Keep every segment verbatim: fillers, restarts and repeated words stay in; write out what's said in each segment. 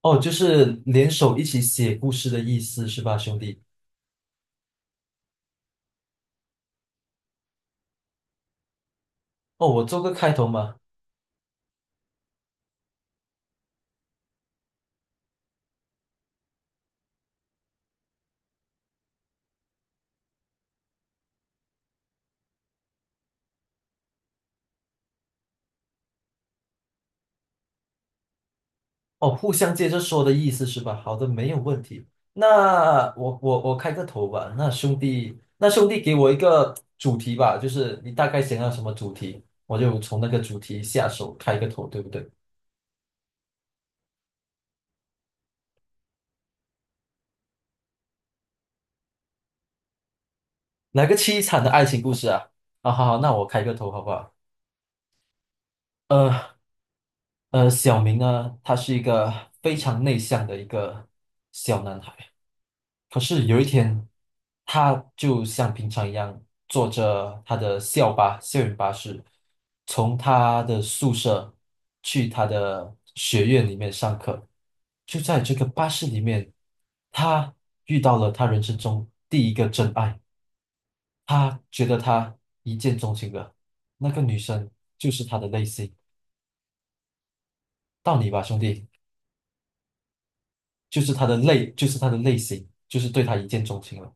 哦，就是联手一起写故事的意思是吧，兄弟？哦，我做个开头嘛。哦，互相接着说的意思是吧？好的，没有问题。那我我我开个头吧。那兄弟，那兄弟给我一个主题吧，就是你大概想要什么主题，我就从那个主题下手开个头，对不对？来个凄惨的爱情故事啊！啊，好好，那我开个头好不好？呃呃，小明呢，他是一个非常内向的一个小男孩。可是有一天，他就像平常一样坐着他的校巴、校园巴士，从他的宿舍去他的学院里面上课。就在这个巴士里面，他遇到了他人生中第一个真爱，他觉得他一见钟情了。那个女生就是他的类型，到你吧，兄弟，就是他的类，就是他的类型，就是对他一见钟情了。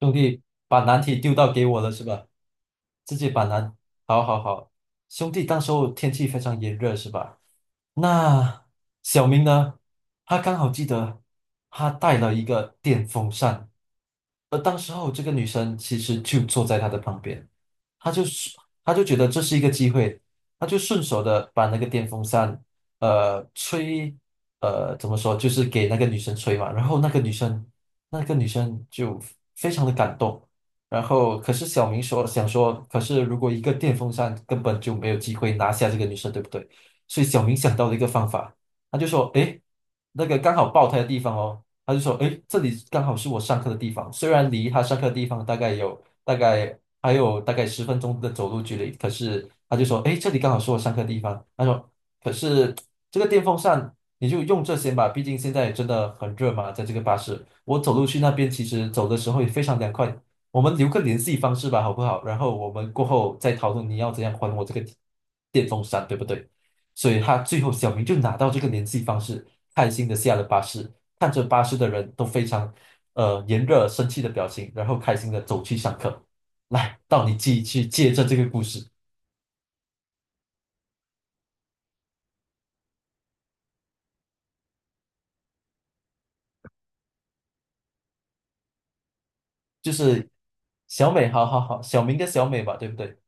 兄弟把难题丢到给我了是吧？自己把难，好好好，兄弟，当时候天气非常炎热是吧？那小明呢？他刚好记得他带了一个电风扇，而当时候这个女生其实就坐在他的旁边，他就是他就觉得这是一个机会，他就顺手的把那个电风扇，呃，吹，呃，怎么说，就是给那个女生吹嘛。然后那个女生，那个女生就非常的感动。然后可是小明说想说，可是如果一个电风扇根本就没有机会拿下这个女生，对不对？所以小明想到了一个方法，他就说，诶，那个刚好爆胎的地方哦。他就说，诶，这里刚好是我上课的地方，虽然离他上课的地方大概有大概还有大概十分钟的走路距离，可是他就说，诶，这里刚好是我上课的地方。他说，可是这个电风扇你就用这些吧，毕竟现在真的很热嘛，在这个巴士，我走路去那边其实走的时候也非常凉快。我们留个联系方式吧，好不好？然后我们过后再讨论你要怎样还我这个电风扇，对不对？所以他最后小明就拿到这个联系方式，开心的下了巴士。看着巴士的人都非常呃炎热生气的表情，然后开心的走去上课。来，到你继去借着这个故事，就是小美，好好好，小明跟小美吧，对不对？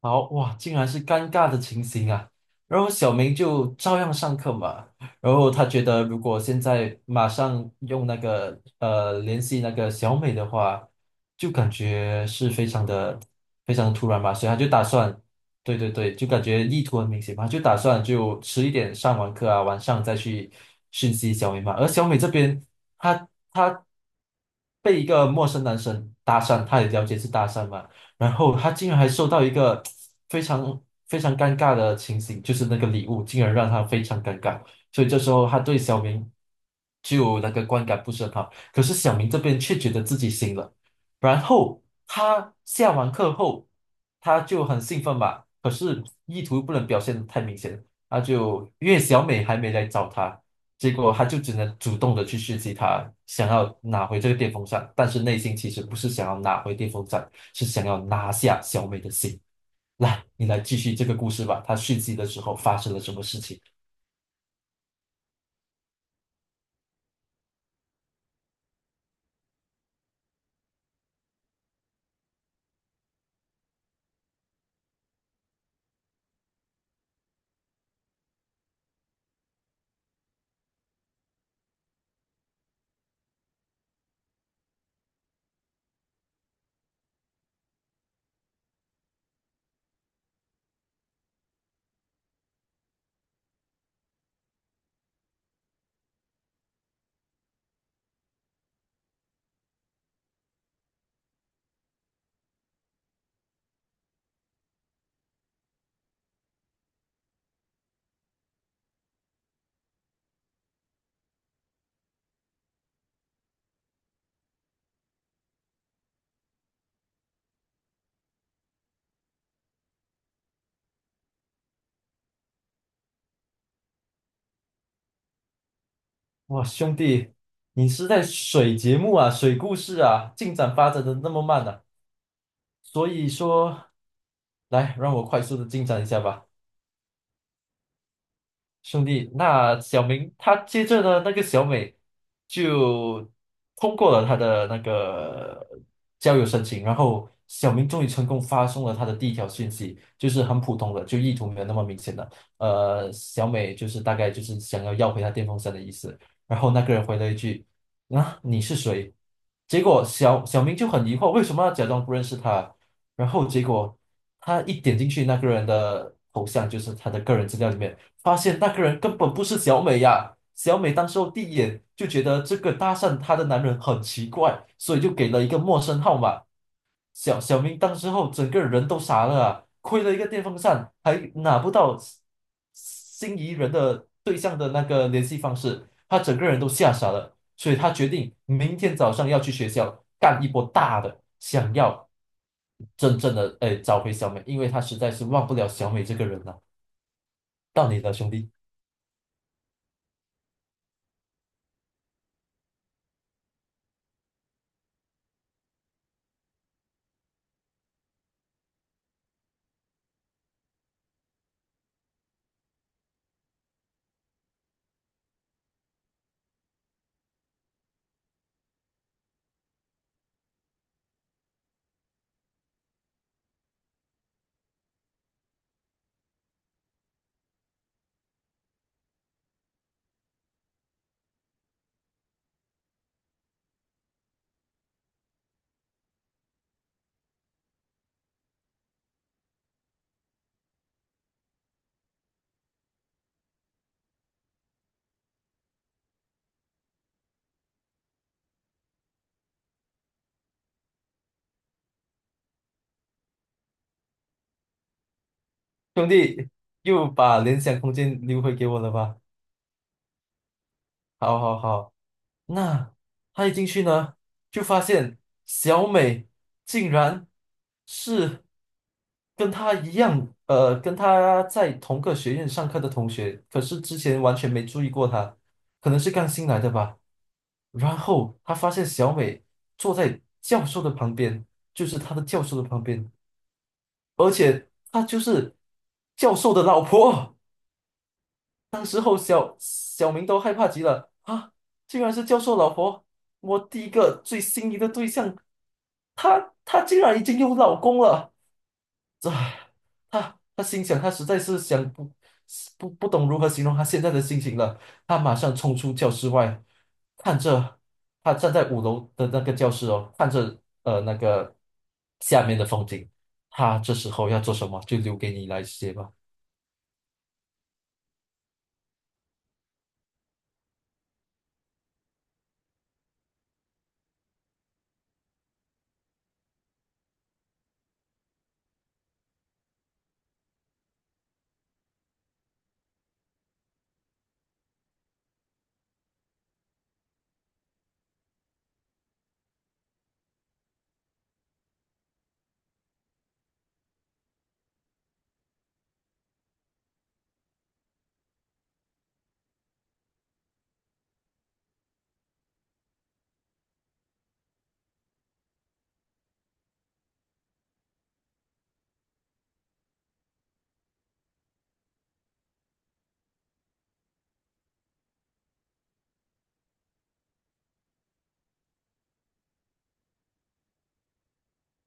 好哇，竟然是尴尬的情形啊！然后小明就照样上课嘛。然后他觉得，如果现在马上用那个呃联系那个小美的话，就感觉是非常的非常突然嘛，所以他就打算，对对对，就感觉意图很明显嘛，就打算就迟一点上完课啊，晚上再去讯息小美嘛。而小美这边，她她被一个陌生男生搭讪，她也了解是搭讪嘛。然后他竟然还收到一个非常非常尴尬的情形，就是那个礼物竟然让他非常尴尬，所以这时候他对小明就那个观感不是很好。可是小明这边却觉得自己行了，然后他下完课后，他就很兴奋吧，可是意图不能表现的太明显，他就因为小美还没来找他。结果他就只能主动的去试击他，想要拿回这个电风扇，但是内心其实不是想要拿回电风扇，是想要拿下小美的心。来，你来继续这个故事吧。他续集的时候发生了什么事情？哇，兄弟，你是在水节目啊，水故事啊，进展发展的那么慢呢。所以说，来，让我快速的进展一下吧。兄弟，那小明他接着呢，那个小美就通过了他的那个交友申请，然后小明终于成功发送了他的第一条讯息，就是很普通的，就意图没有那么明显的。呃，小美就是大概就是想要要回他电风扇的意思。然后那个人回了一句：“啊，你是谁？”结果小小明就很疑惑，为什么要假装不认识他？然后结果他一点进去那个人的头像，就是他的个人资料里面。发现那个人根本不是小美呀。小美当时候第一眼就觉得这个搭讪她的男人很奇怪，所以就给了一个陌生号码。小小明当时候整个人都傻了啊，亏了一个电风扇，还拿不到心仪人的对象的那个联系方式，他整个人都吓傻了。所以他决定明天早上要去学校干一波大的，想要真正的哎找回小美，因为他实在是忘不了小美这个人了。到你了，兄弟。兄弟又把联想空间留回给我了吧？好，好，好。那他一进去呢，就发现小美竟然是跟他一样，呃，跟他在同个学院上课的同学，可是之前完全没注意过他，可能是刚新来的吧。然后他发现小美坐在教授的旁边，就是他的教授的旁边，而且他就是教授的老婆。小小明都害怕极了啊！竟然是教授老婆，我第一个最心仪的对象，她她竟然已经有老公了，这，她她心想，她实在是想不不不懂如何形容她现在的心情了。她马上冲出教室外，看着她站在五楼的那个教室哦，看着呃那个下面的风景。她这时候要做什么，就留给你来写吧。